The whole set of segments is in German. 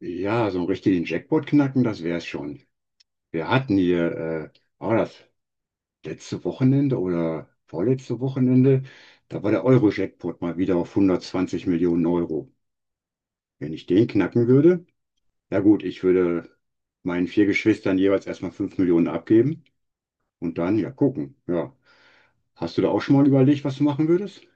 Ja, so richtigen Jackpot knacken, das wär's schon. Wir hatten hier, war das letzte Wochenende oder vorletzte Wochenende, da war der Euro-Jackpot mal wieder auf 120 Millionen Euro. Wenn ich den knacken würde, ja gut, ich würde meinen 4 Geschwistern jeweils erstmal 5 Millionen abgeben und dann ja gucken. Ja, hast du da auch schon mal überlegt, was du machen würdest?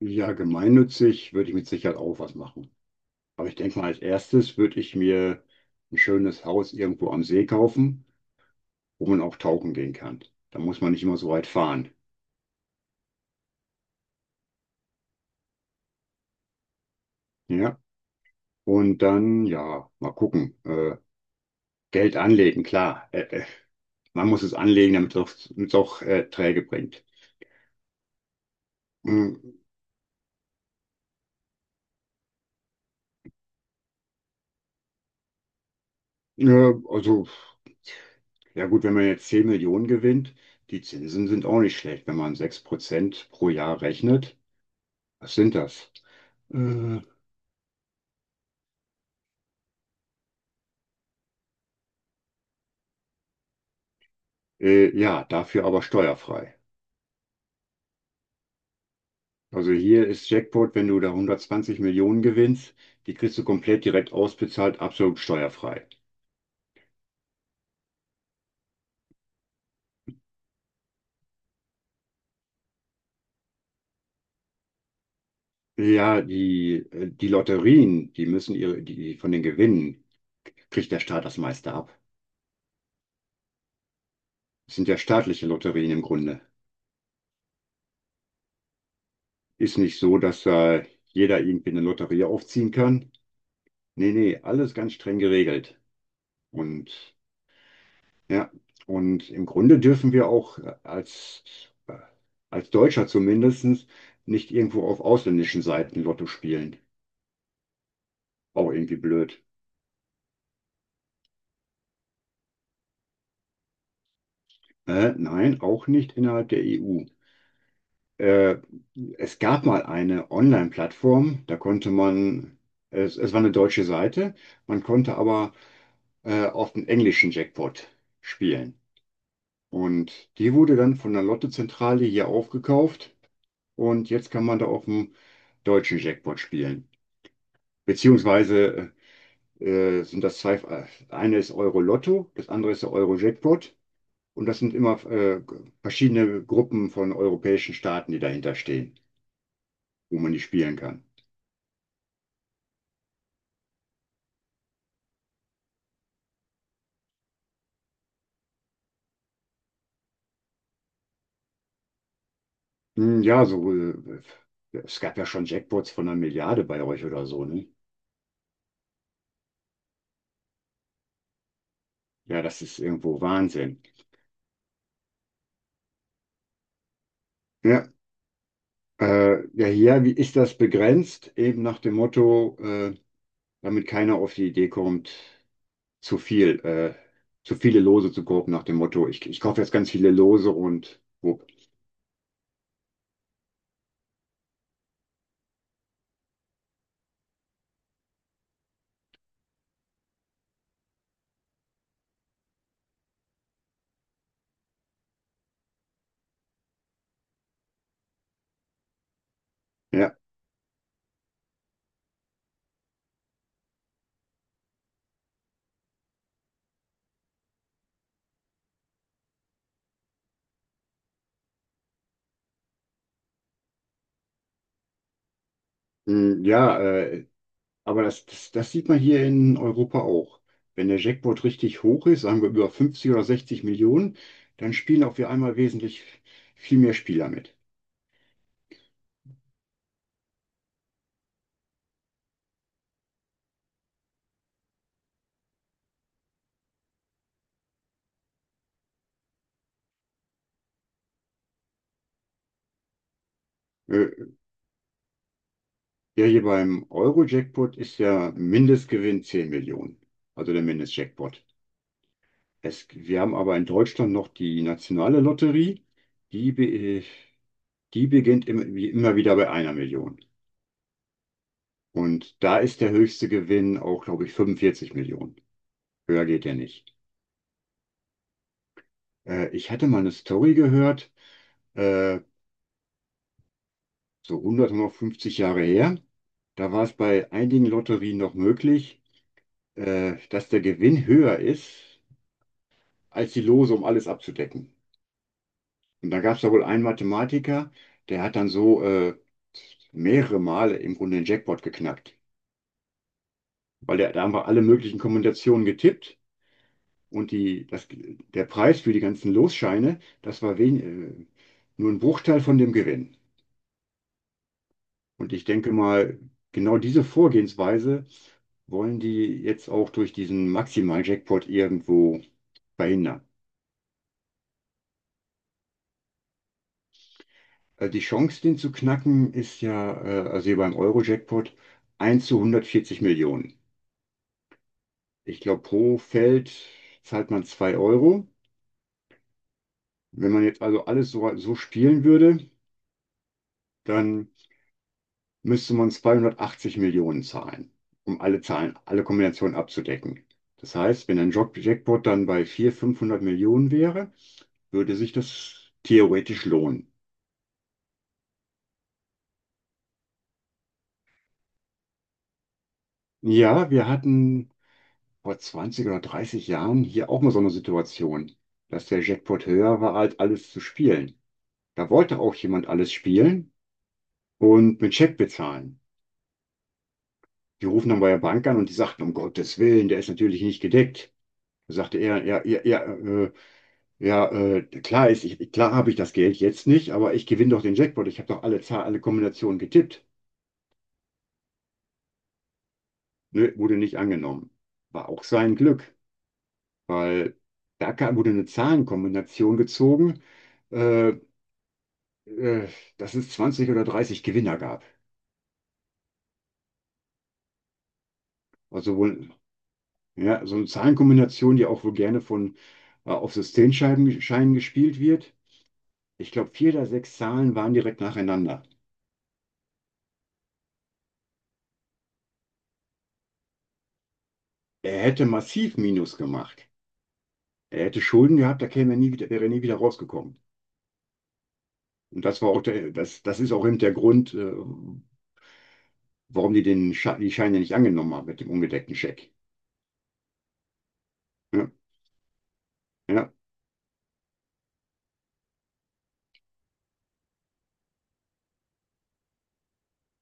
Ja, gemeinnützig würde ich mit Sicherheit auch was machen. Aber ich denke mal, als erstes würde ich mir ein schönes Haus irgendwo am See kaufen, wo man auch tauchen gehen kann. Da muss man nicht immer so weit fahren. Ja. Und dann, ja, mal gucken. Geld anlegen, klar. Man muss es anlegen, damit es auch Träge bringt. Mhm. Ja, also, ja gut, wenn man jetzt 10 Millionen gewinnt, die Zinsen sind auch nicht schlecht. Wenn man 6% pro Jahr rechnet, was sind das? Äh, ja, dafür aber steuerfrei. Also hier ist Jackpot, wenn du da 120 Millionen gewinnst, die kriegst du komplett direkt ausbezahlt, absolut steuerfrei. Ja, die Lotterien, die von den Gewinnen kriegt der Staat das meiste ab. Das sind ja staatliche Lotterien im Grunde. Ist nicht so, dass jeder irgendwie eine Lotterie aufziehen kann. Nee, nee, alles ganz streng geregelt. Und ja, und im Grunde dürfen wir auch äh, als Deutscher zumindest nicht irgendwo auf ausländischen Seiten Lotto spielen. Auch irgendwie blöd. Nein, auch nicht innerhalb der EU. Äh, Es gab mal eine Online-Plattform, da konnte man, es war eine deutsche Seite, man konnte aber auf den englischen Jackpot spielen. Und die wurde dann von der Lottozentrale hier aufgekauft und jetzt kann man da auf dem deutschen Jackpot spielen. Beziehungsweise äh, sind das zwei, eine ist Euro-Lotto, das andere ist der Euro-Jackpot, und das sind immer verschiedene Gruppen von europäischen Staaten, die dahinter stehen, wo man die spielen kann. Ja, so, es gab ja schon Jackpots von 1 Milliarde bei euch oder so, ne? Ja, das ist irgendwo Wahnsinn. Ja, ja, hier, wie ist das begrenzt? Eben nach dem Motto, damit keiner auf die Idee kommt, zu viel, äh, zu viele Lose zu kaufen, nach dem Motto, ich kaufe jetzt ganz viele Lose und wupp. Ja, ja, aber das sieht man hier in Europa auch. Wenn der Jackpot richtig hoch ist, sagen wir über 50 oder 60 Millionen, dann spielen auch wir einmal wesentlich viel mehr Spieler mit. Äh, Ja, hier beim Euro-Jackpot ist ja Mindestgewinn 10 Millionen, also der Mindestjackpot. Wir haben aber in Deutschland noch die nationale Lotterie. Die, be, die beginnt wie immer wieder bei 1 Million. Und da ist der höchste Gewinn auch, glaube ich, 45 Millionen. Höher geht der nicht. Ich hatte mal eine Story gehört, äh, so 100, 150 Jahre her. Da war es bei einigen Lotterien noch möglich, dass der Gewinn höher ist als die Lose, um alles abzudecken. Und da gab es da wohl einen Mathematiker, der hat dann so mehrere Male im Grunde den Jackpot geknackt, weil der hat einfach alle möglichen Kombinationen getippt, und der Preis für die ganzen Losscheine, das war nur ein Bruchteil von dem Gewinn. Und ich denke mal, genau diese Vorgehensweise wollen die jetzt auch durch diesen Maximal-Jackpot irgendwo verhindern. Also die Chance, den zu knacken, ist ja, also hier beim Euro-Jackpot, 1 zu 140 Millionen. Ich glaube, pro Feld zahlt man 2 Euro. Wenn man jetzt also alles so spielen würde, dann müsste man 280 Millionen zahlen, um alle Zahlen, alle Kombinationen abzudecken. Das heißt, wenn ein Jackpot dann bei 400, 500 Millionen wäre, würde sich das theoretisch lohnen. Ja, wir hatten vor 20 oder 30 Jahren hier auch mal so eine Situation, dass der Jackpot höher war, als alles zu spielen. Da wollte auch jemand alles spielen und mit Scheck bezahlen. Die rufen dann bei der Bank an und die sagten, um Gottes Willen, der ist natürlich nicht gedeckt. Da sagte er, ja, ja, ja, ja, klar ist, klar habe ich das Geld jetzt nicht, aber ich gewinne doch den Jackpot. Ich habe doch alle Kombinationen getippt. Nö, wurde nicht angenommen. War auch sein Glück, weil wurde eine Zahlenkombination gezogen, äh, äh, dass es 20 oder 30 Gewinner gab. Also wohl, ja, so eine Zahlenkombination, die auch wohl gerne von auf Systemscheiben Scheinen gespielt wird. Ich glaube, 4 der 6 Zahlen waren direkt nacheinander. Er hätte massiv Minus gemacht. Er hätte Schulden gehabt, da käme er nie wieder, wäre er nie wieder rausgekommen. Und das war auch das ist auch eben der Grund, warum die den Sche die Scheine nicht angenommen haben mit dem ungedeckten Scheck. Ja, ja,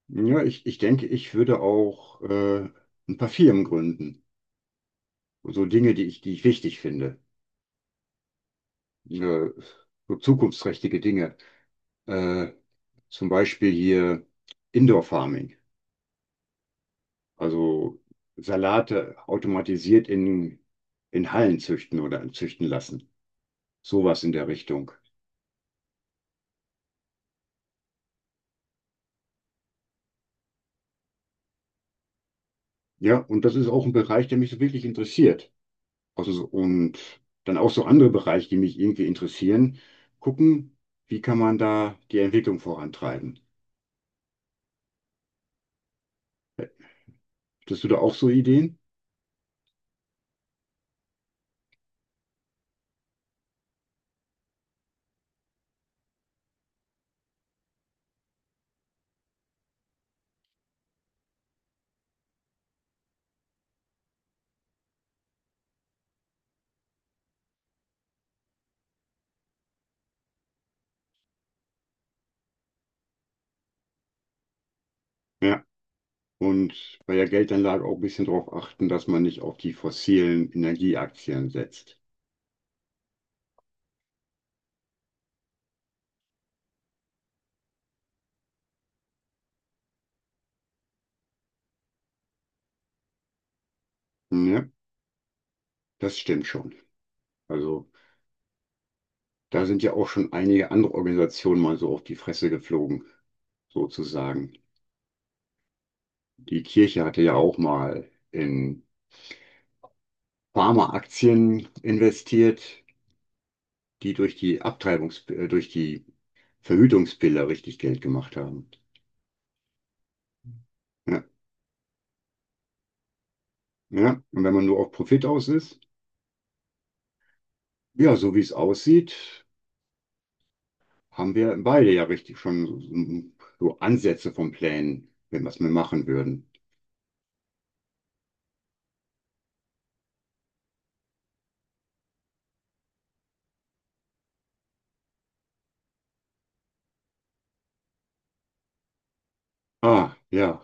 ich denke, ich würde auch ein paar Firmen gründen. So Dinge, die ich wichtig finde. Äh, so zukunftsträchtige Dinge. Äh, Zum Beispiel hier Indoor Farming. Also Salate automatisiert in Hallen züchten oder züchten lassen. Sowas in der Richtung. Ja, und das ist auch ein Bereich, der mich so wirklich interessiert. Also, und dann auch so andere Bereiche, die mich irgendwie interessieren, gucken, wie kann man da die Entwicklung vorantreiben. Hattest du da auch so Ideen? Ja. Und bei der Geldanlage auch ein bisschen darauf achten, dass man nicht auf die fossilen Energieaktien setzt. Ja, das stimmt schon. Also, da sind ja auch schon einige andere Organisationen mal so auf die Fresse geflogen, sozusagen. Die Kirche hatte ja auch mal in Pharmaaktien investiert, die durch die durch die Verhütungspille richtig Geld gemacht haben. Ja, ja. Und wenn man nur auf Profit aus ist, ja, so wie es aussieht, haben wir beide ja richtig schon so, so Ansätze von Plänen, wenn was wir machen würden. Ja,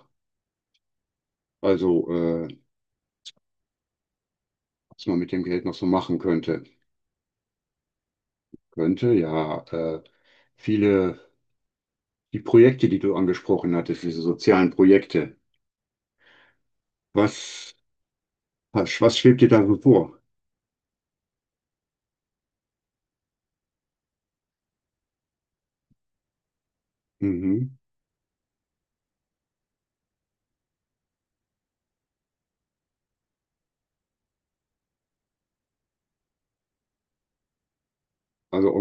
also, was man mit dem Geld noch so machen könnte. Könnte, ja. Viele, die Projekte, die du angesprochen hattest, diese sozialen Projekte, was, was schwebt dir da so vor? Mhm. Also